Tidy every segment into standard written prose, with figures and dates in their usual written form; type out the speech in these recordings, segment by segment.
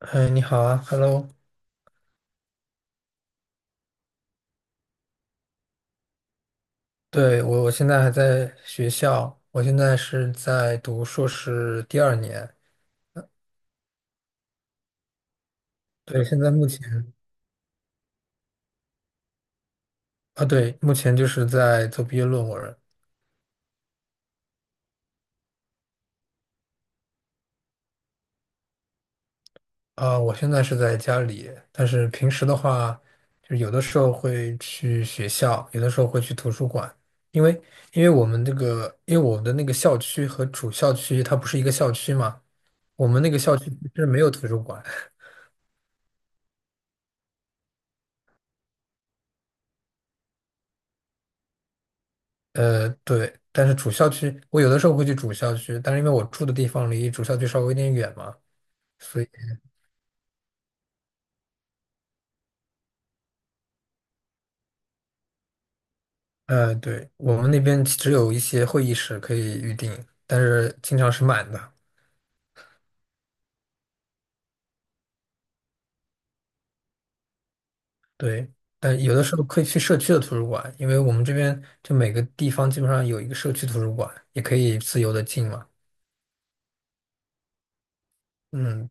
哎，你好啊，Hello。对，我现在还在学校。我现在是在读硕士第二年。对，现在目前。啊，对，目前就是在做毕业论文。啊，我现在是在家里，但是平时的话，就是有的时候会去学校，有的时候会去图书馆。因为因为我们这个，因为我们的那个校区和主校区它不是一个校区嘛，我们那个校区是没有图书馆。对，但是主校区，我有的时候会去主校区，但是因为我住的地方离主校区稍微有点远嘛，所以，对，我们那边只有一些会议室可以预定，但是经常是满的。对，但有的时候可以去社区的图书馆，因为我们这边就每个地方基本上有一个社区图书馆，也可以自由的进嘛。嗯，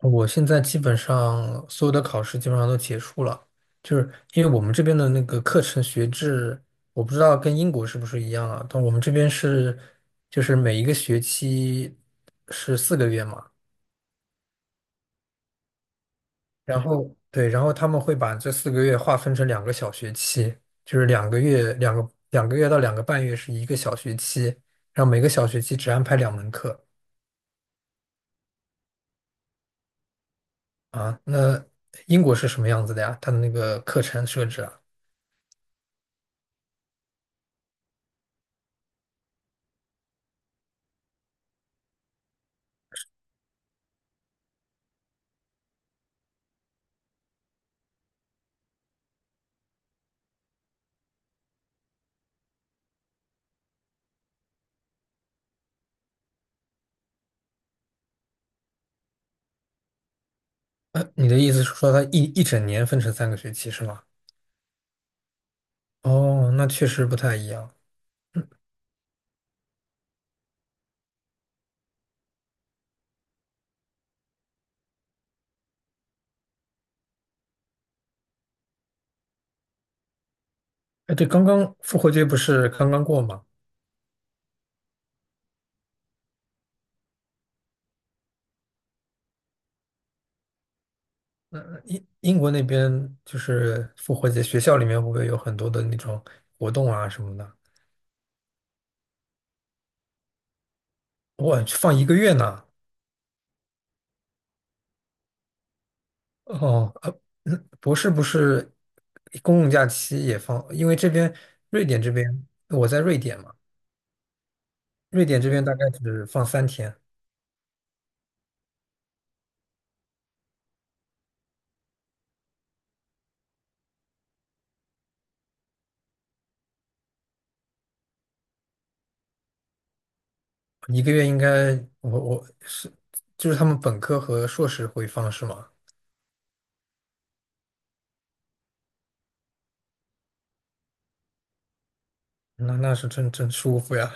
我现在基本上所有的考试基本上都结束了。就是因为我们这边的那个课程学制，我不知道跟英国是不是一样啊，但我们这边就是每一个学期是四个月嘛。然后对，然后他们会把这四个月划分成两个小学期，就是两个月到2个半月是一个小学期，然后每个小学期只安排两门课啊。那英国是什么样子的呀？它的那个课程设置啊？你的意思是说它一整年分成三个学期是吗？哦，那确实不太一样。哎，对，刚刚复活节不是刚刚过吗？那英国那边就是复活节，学校里面会不会有很多的那种活动啊什么的？哇，放一个月呢？哦，博士不是公共假期也放，因为这边瑞典这边我在瑞典嘛。瑞典这边大概只放3天。一个月应该。我是就是他们本科和硕士会放是吗？那是真舒服呀。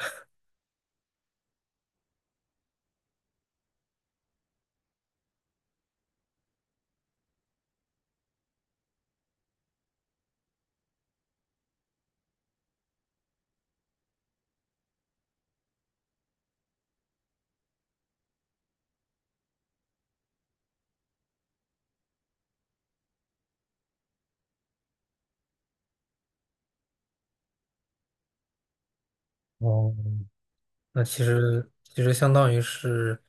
哦 那其实相当于是，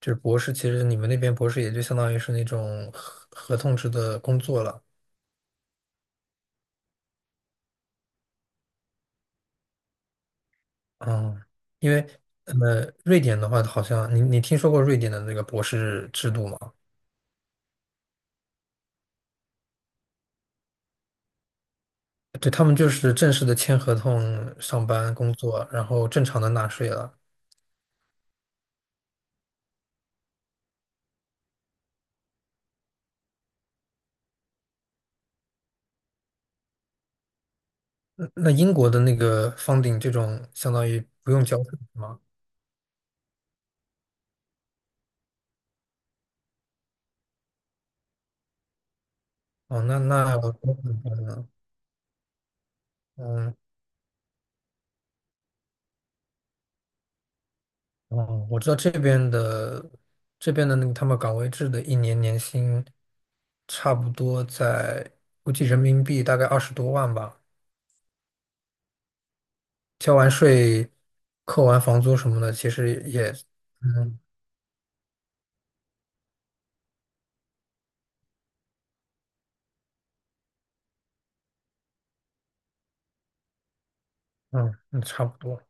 就是博士，其实你们那边博士也就相当于是那种合同制的工作了。嗯，因为呃，瑞典的话，好像你听说过瑞典的那个博士制度吗？对，他们就是正式的签合同上班工作，然后正常的纳税了。那英国的那个 funding 这种相当于不用交税是吗？哦，那我怎么办呢。嗯，哦，我知道这边的那个他们岗位制的一年年薪差不多在估计人民币大概20多万吧。交完税、扣完房租什么的，其实也嗯嗯差不多。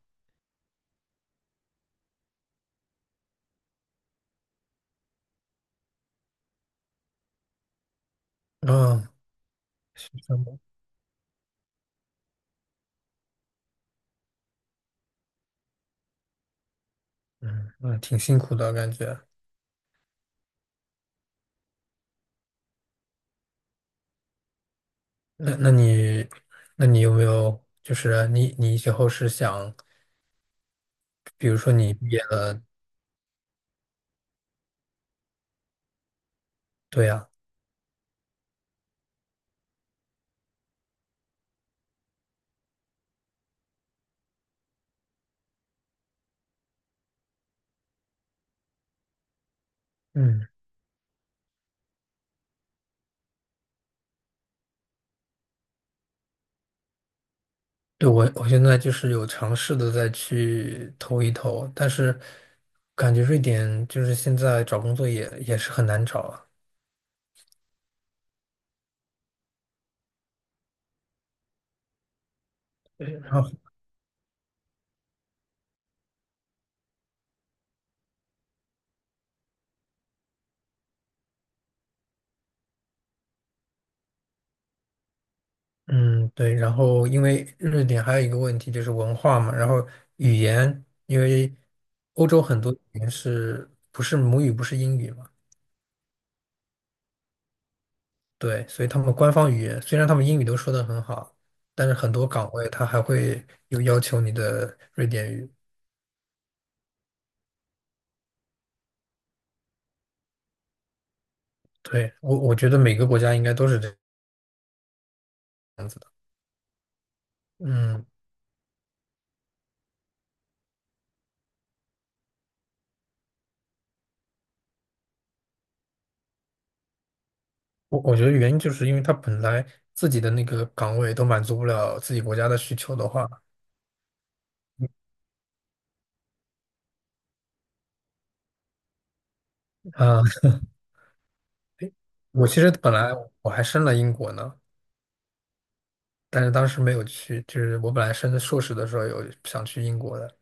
嗯，是这么嗯挺辛苦的感觉。那你，那你有没有就是你以后是想，比如说你毕业了。对呀。嗯，对我现在就是有尝试的再去投一投，但是感觉瑞典就是现在找工作也是很难找啊。对，然后，嗯，对，然后因为瑞典还有一个问题就是文化嘛，然后语言，因为欧洲很多语言是不是母语不是英语嘛。对，所以他们官方语言虽然他们英语都说的很好，但是很多岗位他还会有要求你的瑞典语。对，我觉得每个国家应该都是这样。嗯，我觉得原因就是因为他本来自己的那个岗位都满足不了自己国家的需求的话。啊、我其实本来我还申了英国呢，但是当时没有去，就是我本来申硕士的时候有想去英国的。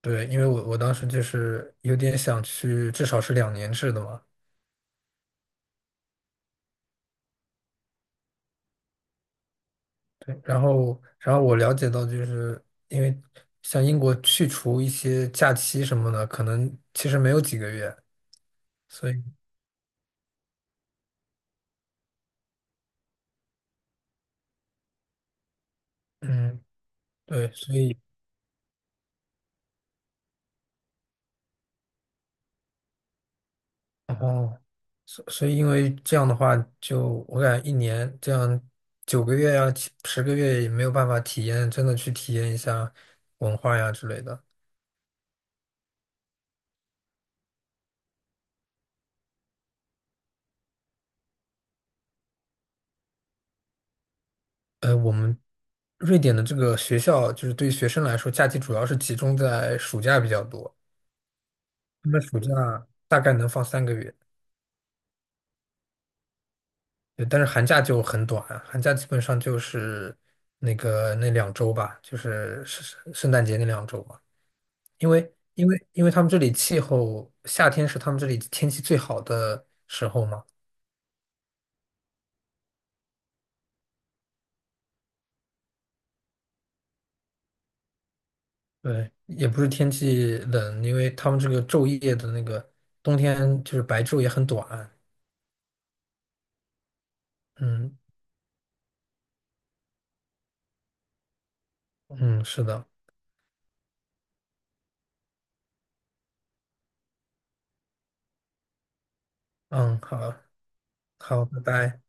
对，因为我当时就是有点想去，至少是2年制的嘛。对然后，我了解到，就是因为像英国去除一些假期什么的，可能其实没有几个月，所以，嗯，对，所以，哦，所以因为这样的话，就我感觉一年这样9个月呀、70个月也没有办法体验，真的去体验一下文化呀之类的。我们瑞典的这个学校，就是对于学生来说，假期主要是集中在暑假比较多。那们暑假大概能放3个月。对，但是寒假就很短，寒假基本上就是那个那两周吧，就是圣诞节那两周吧。因为他们这里气候，夏天是他们这里天气最好的时候嘛。对，也不是天气冷，因为他们这个昼夜的那个冬天就是白昼也很短。嗯嗯，是的，嗯，好好，拜拜。